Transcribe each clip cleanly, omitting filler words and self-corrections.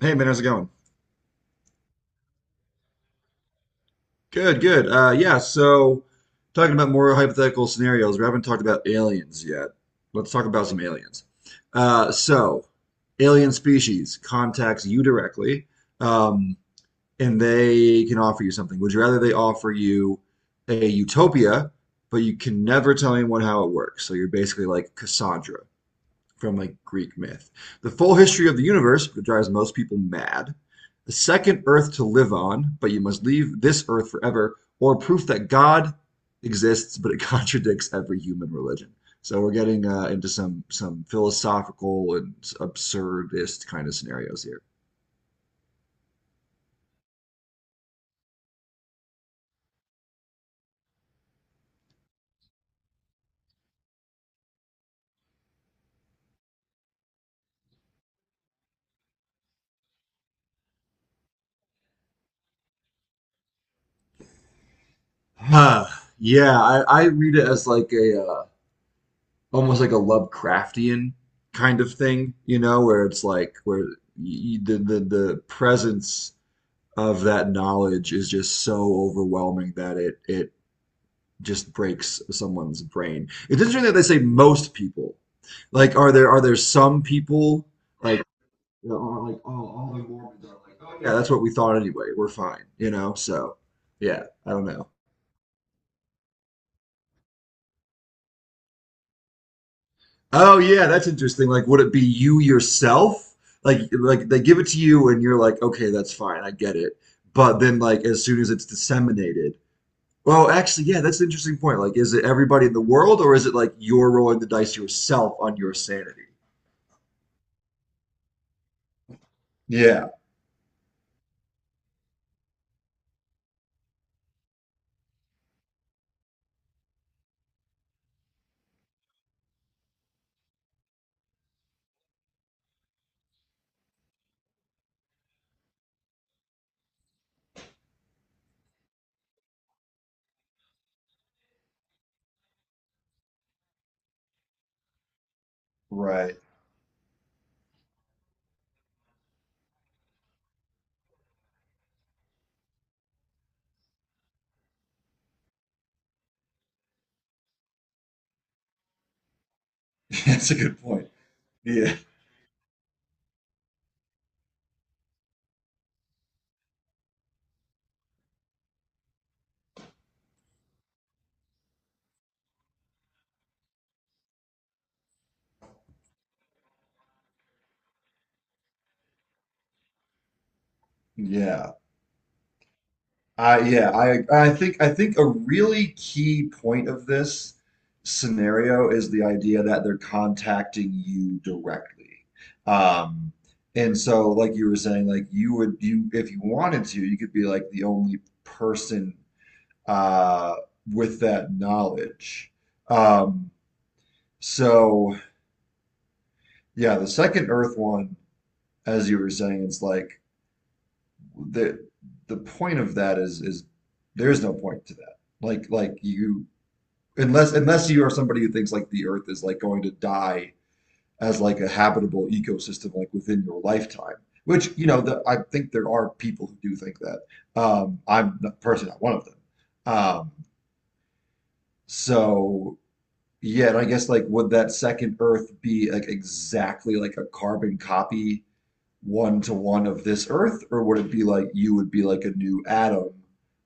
Hey man, how's it going? Good, good. Yeah, so talking about more hypothetical scenarios, we haven't talked about aliens yet. Let's talk about some aliens. So, alien species contacts you directly, um, and they can offer you something. Would you rather they offer you a utopia, but you can never tell anyone how it works? So you're basically like Cassandra from like Greek myth. The full history of the universe, which drives most people mad. The second Earth to live on, but you must leave this earth forever, or proof that God exists, but it contradicts every human religion. So we're getting into some philosophical and absurdist kind of scenarios here. Huh. Yeah, I read it as like a almost like a Lovecraftian kind of thing, you know, where it's like where y- the presence of that knowledge is just so overwhelming that it just breaks someone's brain. It's interesting that they say most people. Like, are there some people like that are like, oh, all the Mormons are like, oh yeah, that's what we thought anyway. We're fine, you know? So, yeah, I don't know. Oh yeah, that's interesting. Like, would it be you yourself? Like, they give it to you and you're like, okay, that's fine, I get it. But then, like, as soon as it's disseminated. Well, actually, yeah, that's an interesting point. Like, is it everybody in the world, or is it like you're rolling the dice yourself on your sanity? Yeah, right. That's a good point. Yeah, yeah. I think a really key point of this scenario is the idea that they're contacting you directly. Um, and so like you were saying, like you if you wanted to, you could be like the only person uh, with that knowledge. Um, so yeah, the second Earth one, as you were saying, it's like the the point of that is there's no point to that. Like, you unless you are somebody who thinks like the Earth is like going to die as like a habitable ecosystem like within your lifetime. Which, I think there are people who do think that. I'm personally not one of them. Um, so Yeah, and I guess like would that second Earth be like exactly like a carbon copy one to one of this Earth, or would it be like you would be like a new atom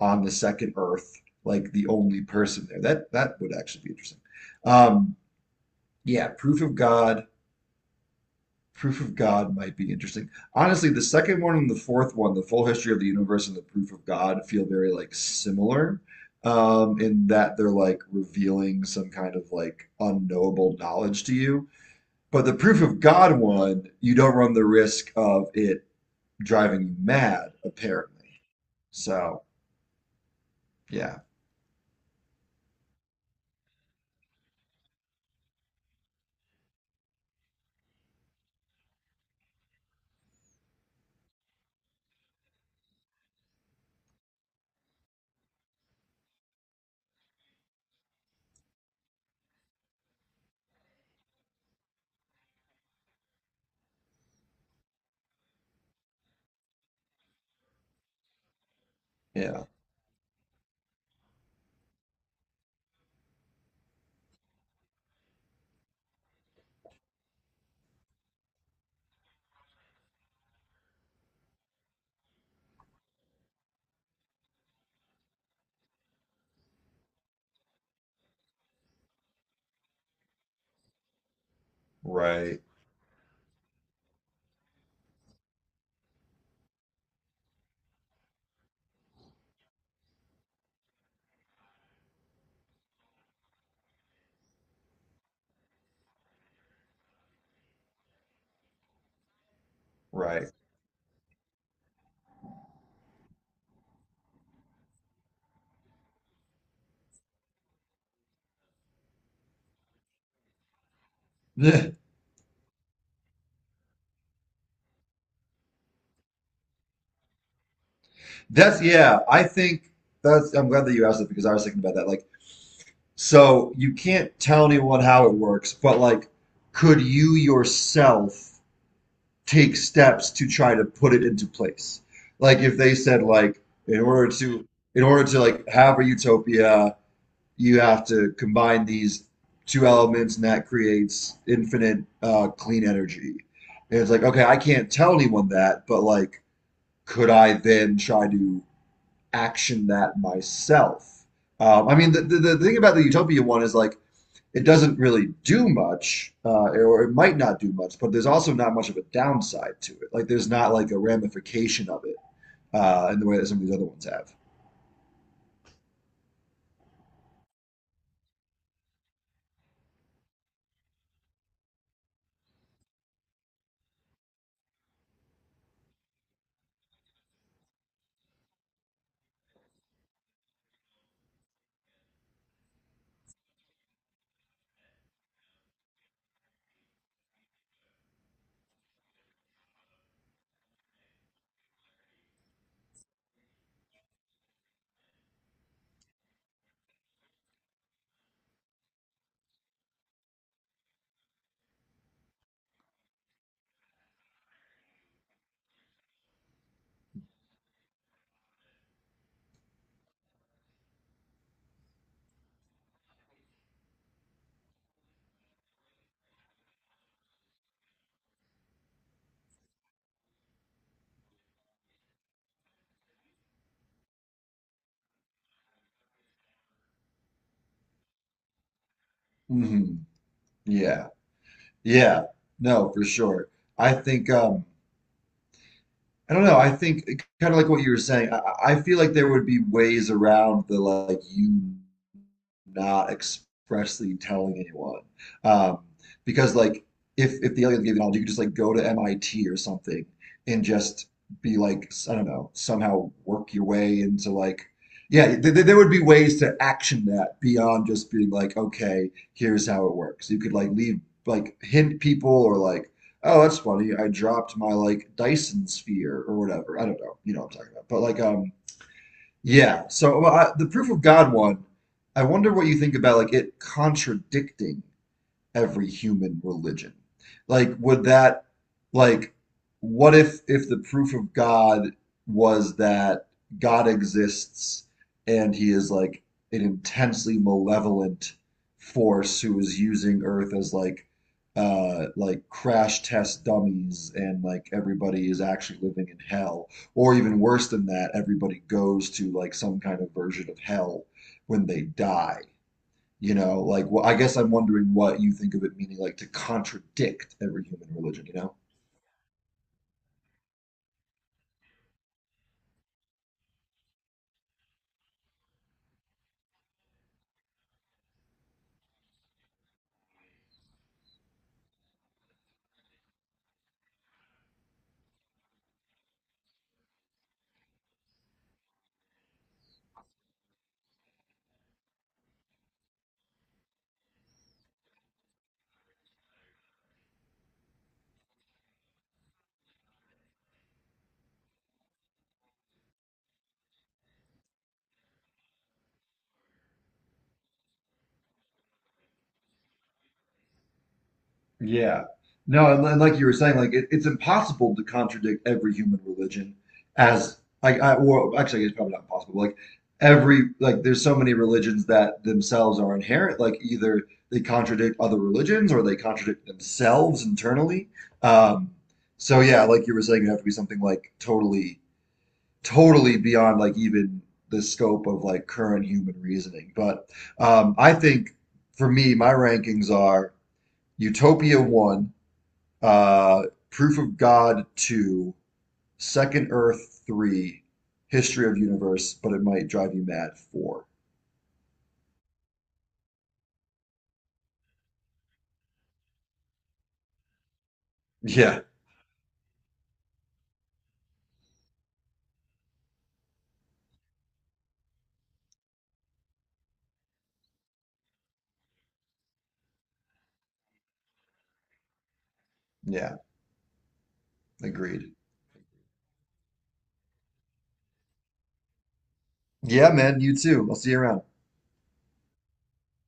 on the second Earth, like the only person there? That would actually be interesting. Um, yeah, proof of God, might be interesting. Honestly, the second one and the fourth one, the full history of the universe and the proof of God, feel very like similar in that they're like revealing some kind of like unknowable knowledge to you. But the proof of God one, you don't run the risk of it driving you mad, apparently. So, yeah, yeah, right, right. Yeah, I think that's, I'm glad that you asked it because I was thinking about that. Like, so you can't tell anyone how it works, but like, could you yourself take steps to try to put it into place? Like, if they said, like, in order to, in order to like have a utopia, you have to combine these two elements, and that creates infinite clean energy. And it's like, okay, I can't tell anyone that, but like, could I then try to action that myself? I mean, the thing about the utopia one is like it doesn't really do much, or it might not do much, but there's also not much of a downside to it. Like, there's not like a ramification of it in the way that some of these other ones have. Hmm. Yeah. Yeah, no, for sure. I think I don't know, I think kind of like what you were saying, I feel like there would be ways around the like you not expressly telling anyone. Um, because like if the alien gave you knowledge, you could just like go to MIT or something and just be like, I don't know, somehow work your way into like yeah, th th there would be ways to action that beyond just being like, okay, here's how it works. You could like leave like hint people or like, oh, that's funny, I dropped my like Dyson sphere or whatever. I don't know, you know what I'm talking about. But like yeah. So well, the proof of God one, I wonder what you think about like it contradicting every human religion? Like, like, what if the proof of God was that God exists and he is like an intensely malevolent force who is using Earth as like crash test dummies and like everybody is actually living in hell. Or even worse than that, everybody goes to like some kind of version of hell when they die. You know, like, well, I guess I'm wondering what you think of it meaning like to contradict every human religion, you know? Yeah. No, and like you were saying, like it's impossible to contradict every human religion as like I or actually it's probably not impossible. Like every like there's so many religions that themselves are inherent. Like either they contradict other religions or they contradict themselves internally. Um, so yeah, like you were saying, it would have to be something like totally beyond like even the scope of like current human reasoning. But I think for me, my rankings are Utopia one, uh, Proof of God two, Second Earth three, History of Universe, but it might drive you mad four. Yeah, yeah, agreed. Yeah, man, you too. I'll see you around.